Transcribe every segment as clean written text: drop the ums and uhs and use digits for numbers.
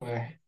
واحد.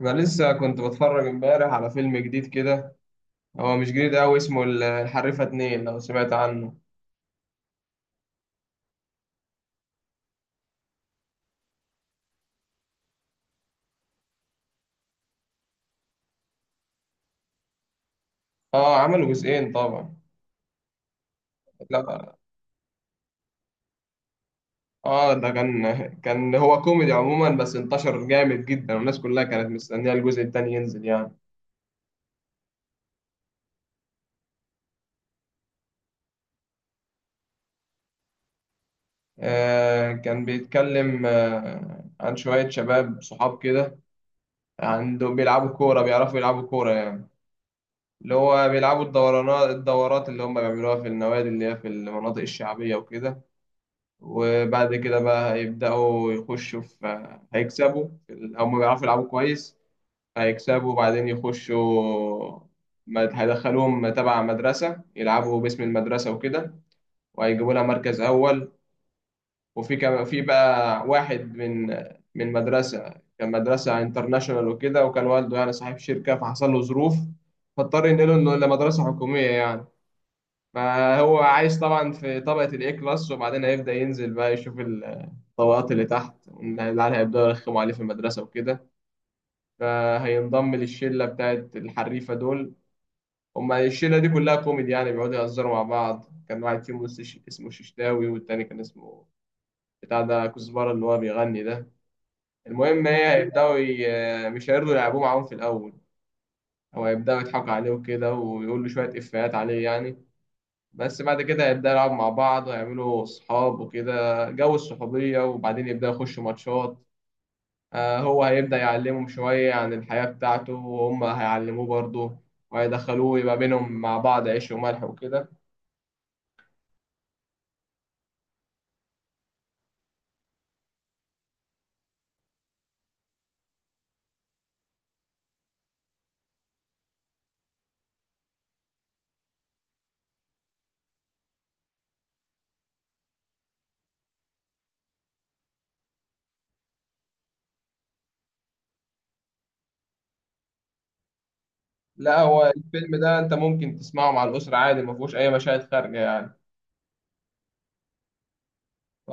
انا لسه كنت بتفرج امبارح على فيلم جديد كده. هو مش جديد قوي، اسمه الحريفه اتنين، لو سمعت عنه. اه، عملوا جزئين طبعا. لا. اه، ده كان، كان هو كوميدي عموما، بس انتشر جامد جدا والناس كلها كانت مستنيه الجزء التاني ينزل. آه، كان بيتكلم عن شويه شباب صحاب كده، عندهم بيلعبوا كوره، بيعرفوا يلعبوا كوره يعني. اللي هو بيلعبوا الدورانات، الدورات اللي هم بيعملوها في النوادي اللي هي في المناطق الشعبيه وكده. وبعد كده بقى هيبدأوا يخشوا في، هيكسبوا في أو ما بيعرفوا يلعبوا كويس، هيكسبوا وبعدين يخشوا. هيدخلوهم تبع مدرسة، يلعبوا باسم المدرسة وكده، وهيجيبوا لها مركز أول. وفي كم، في بقى واحد من، من مدرسة، كان مدرسة انترناشونال وكده، وكان والده يعني صاحب شركة، فحصل له ظروف فاضطر ينقله إنه لمدرسة حكومية يعني. فهو عايش طبعا في طبقة الإيه كلاس، وبعدين هيبدأ ينزل بقى يشوف طبقات اللي تحت. إن العيال هيبدأوا يرخموا عليه في المدرسة وكده، فهينضم للشلة بتاعت الحريفة دول. هما الشلة دي كلها كوميدي يعني، بيقعدوا يهزروا مع بعض. كان واحد فيهم اسمه ششتاوي، والتاني كان اسمه بتاع ده كزبرة اللي هو بيغني ده. المهم، هي هيبدأوا مش هيرضوا يلعبوه معاهم في الأول، هو هيبدأوا يضحكوا عليه وكده، ويقولوا شوية إفيهات عليه يعني. بس بعد كده هيبدأوا يلعبوا مع بعض، ويعملوا صحاب وكده، جو الصحوبية، وبعدين يبدأوا يخشوا ماتشات. هو هيبدأ يعلمهم شوية عن الحياة بتاعته، وهم هيعلموه برضه، وهيدخلوه يبقى بينهم، مع بعض عيش وملح وكده. لا، هو الفيلم ده انت ممكن تسمعه مع الأسرة عادي، ما فيهوش أي مشاهد خارجة يعني. ف...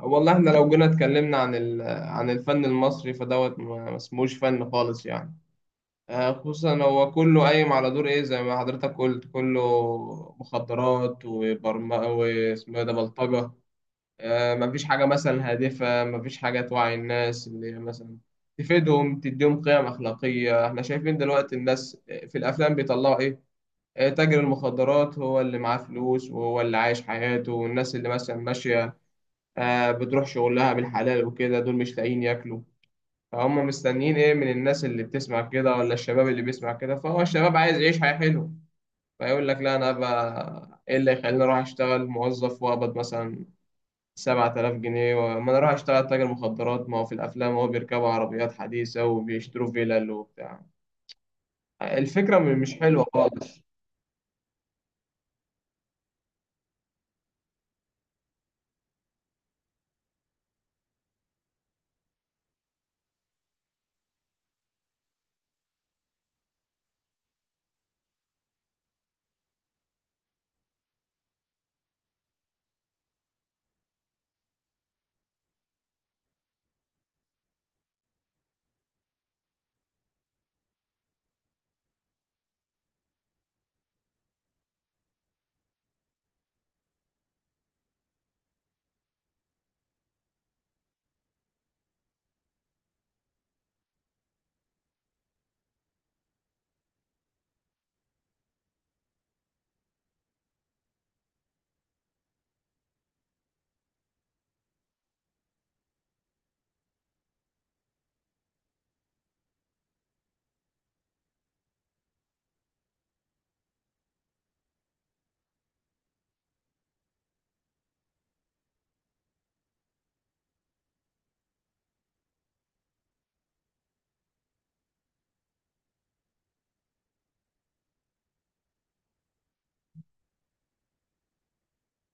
والله احنا لو جينا اتكلمنا عن عن الفن المصري فدوت، ما اسموش فن خالص يعني. خصوصا هو كله قايم على دور ايه، زي ما حضرتك قلت، كله مخدرات وبرم واسمه إيه ده، بلطجة. مفيش حاجة مثلا هادفة، مفيش حاجة توعي الناس اللي هي مثلا تفيدهم، تديهم قيم أخلاقية. احنا شايفين دلوقتي الناس في الأفلام بيطلعوا إيه؟ تاجر المخدرات هو اللي معاه فلوس، وهو اللي عايش حياته، والناس اللي مثلا ماشية، بتروح شغلها بالحلال وكده، دول مش لاقيين ياكلوا. فهم مستنيين إيه من الناس اللي بتسمع كده، ولا الشباب اللي بيسمع كده؟ فهو الشباب عايز يعيش حياة حلوة، فيقول لك لا، أنا بقى إيه اللي يخليني أروح أشتغل موظف وأقبض مثلا 7000 جنيه؟ ما انا اروح اشتغل تاجر مخدرات، ما هو في الافلام هو بيركبوا عربيات حديثة وبيشتروا فيلل وبتاع. الفكرة مش حلوة خالص.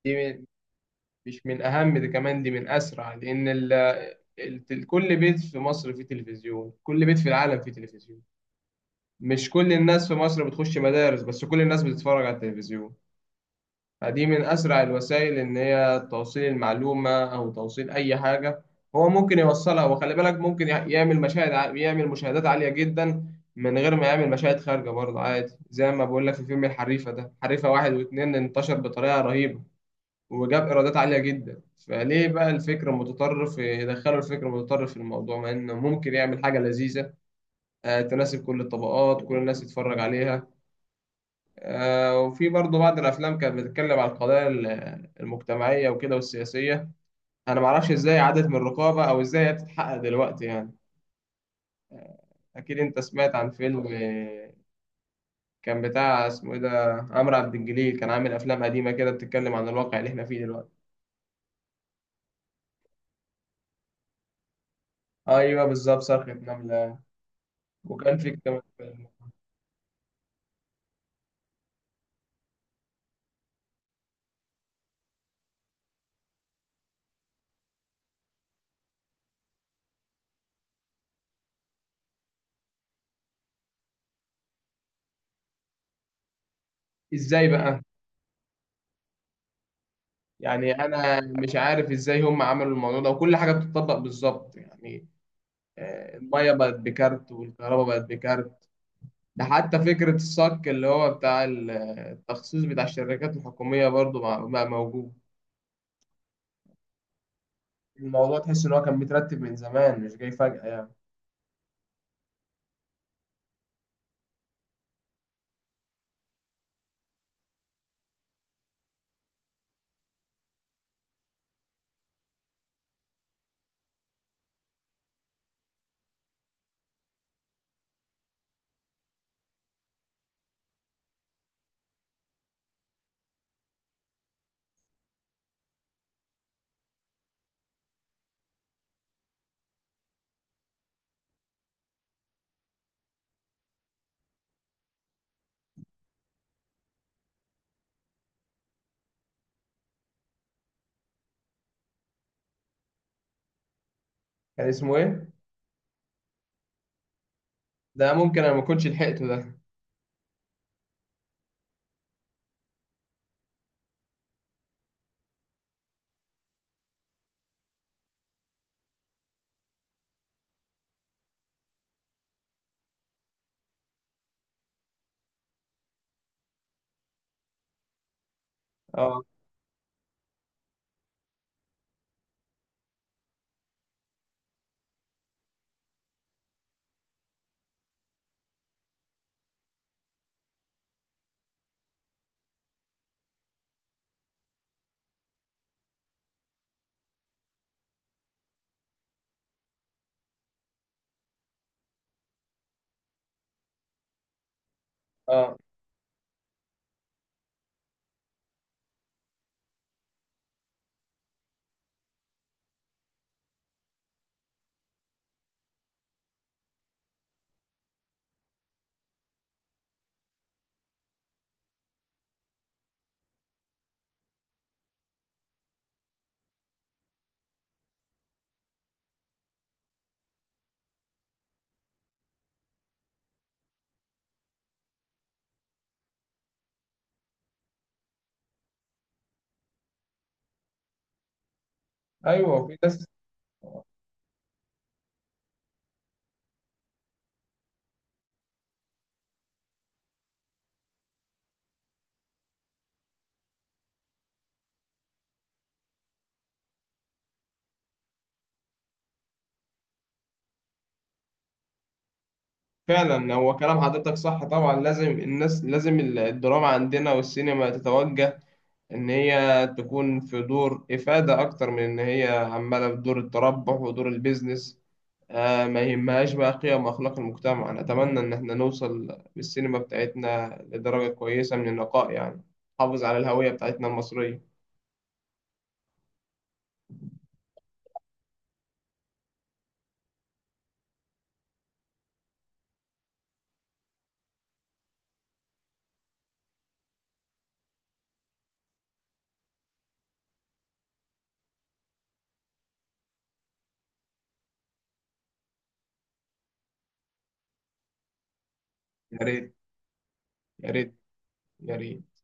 دي من- مش من اهم، دي كمان دي من اسرع، لان كل بيت في مصر فيه تلفزيون، كل بيت في العالم فيه تلفزيون. مش كل الناس في مصر بتخش مدارس، بس كل الناس بتتفرج على التلفزيون. دي من أسرع الوسائل إن هي توصيل المعلومة أو توصيل أي حاجة، هو ممكن يوصلها. وخلي بالك ممكن يعمل يعمل مشاهدات عالية جدا من غير ما يعمل مشاهد خارجة برضه عادي. زي ما بقول لك، في فيلم الحريفة ده، حريفة واحد واتنين، انتشر بطريقة رهيبة وجاب إيرادات عالية جدا. فليه بقى الفكر المتطرف، يدخلوا الفكر المتطرف في الموضوع، مع إنه ممكن يعمل حاجة لذيذة، تناسب كل الطبقات، كل الناس تتفرج عليها. وفي برضه بعض الافلام كانت بتتكلم عن القضايا المجتمعيه وكده والسياسيه. انا ما اعرفش ازاي عادت من الرقابه، او ازاي هي بتتحقق دلوقتي يعني. اكيد انت سمعت عن فيلم، كان بتاع اسمه ايه ده، عمرو عبد الجليل، كان عامل افلام قديمه كده بتتكلم عن الواقع اللي احنا فيه دلوقتي. ايوه بالظبط، صرخة نملة. وكان في كمان فيلم. ازاي بقى؟ يعني انا مش عارف ازاي هم عملوا الموضوع ده، وكل حاجه بتطبق بالظبط يعني. الميه بقت بكارت والكهرباء بقت بكارت. ده حتى فكرة الصك اللي هو بتاع التخصيص بتاع الشركات الحكومية، برضو بقى، موجود. الموضوع تحس إن هو كان مترتب من زمان، مش جاي فجأة يعني. كان اسمه إيه؟ ده ممكن أنا ما كنتش لحقته ده. آه. آه. أيوه، في ناس. فعلا، هو كلام حضرتك صح طبعا. لازم الناس، لازم الدراما عندنا والسينما تتوجه إن هي تكون في دور إفادة أكتر من إن هي عمالة في دور التربح ودور البيزنس، آه، ما يهمهاش بقى قيم وأخلاق المجتمع. أنا أتمنى إن إحنا نوصل بالسينما بتاعتنا لدرجة كويسة من النقاء يعني، نحافظ على الهوية بتاعتنا المصرية. يا ريت. يا ريت. يا ريت.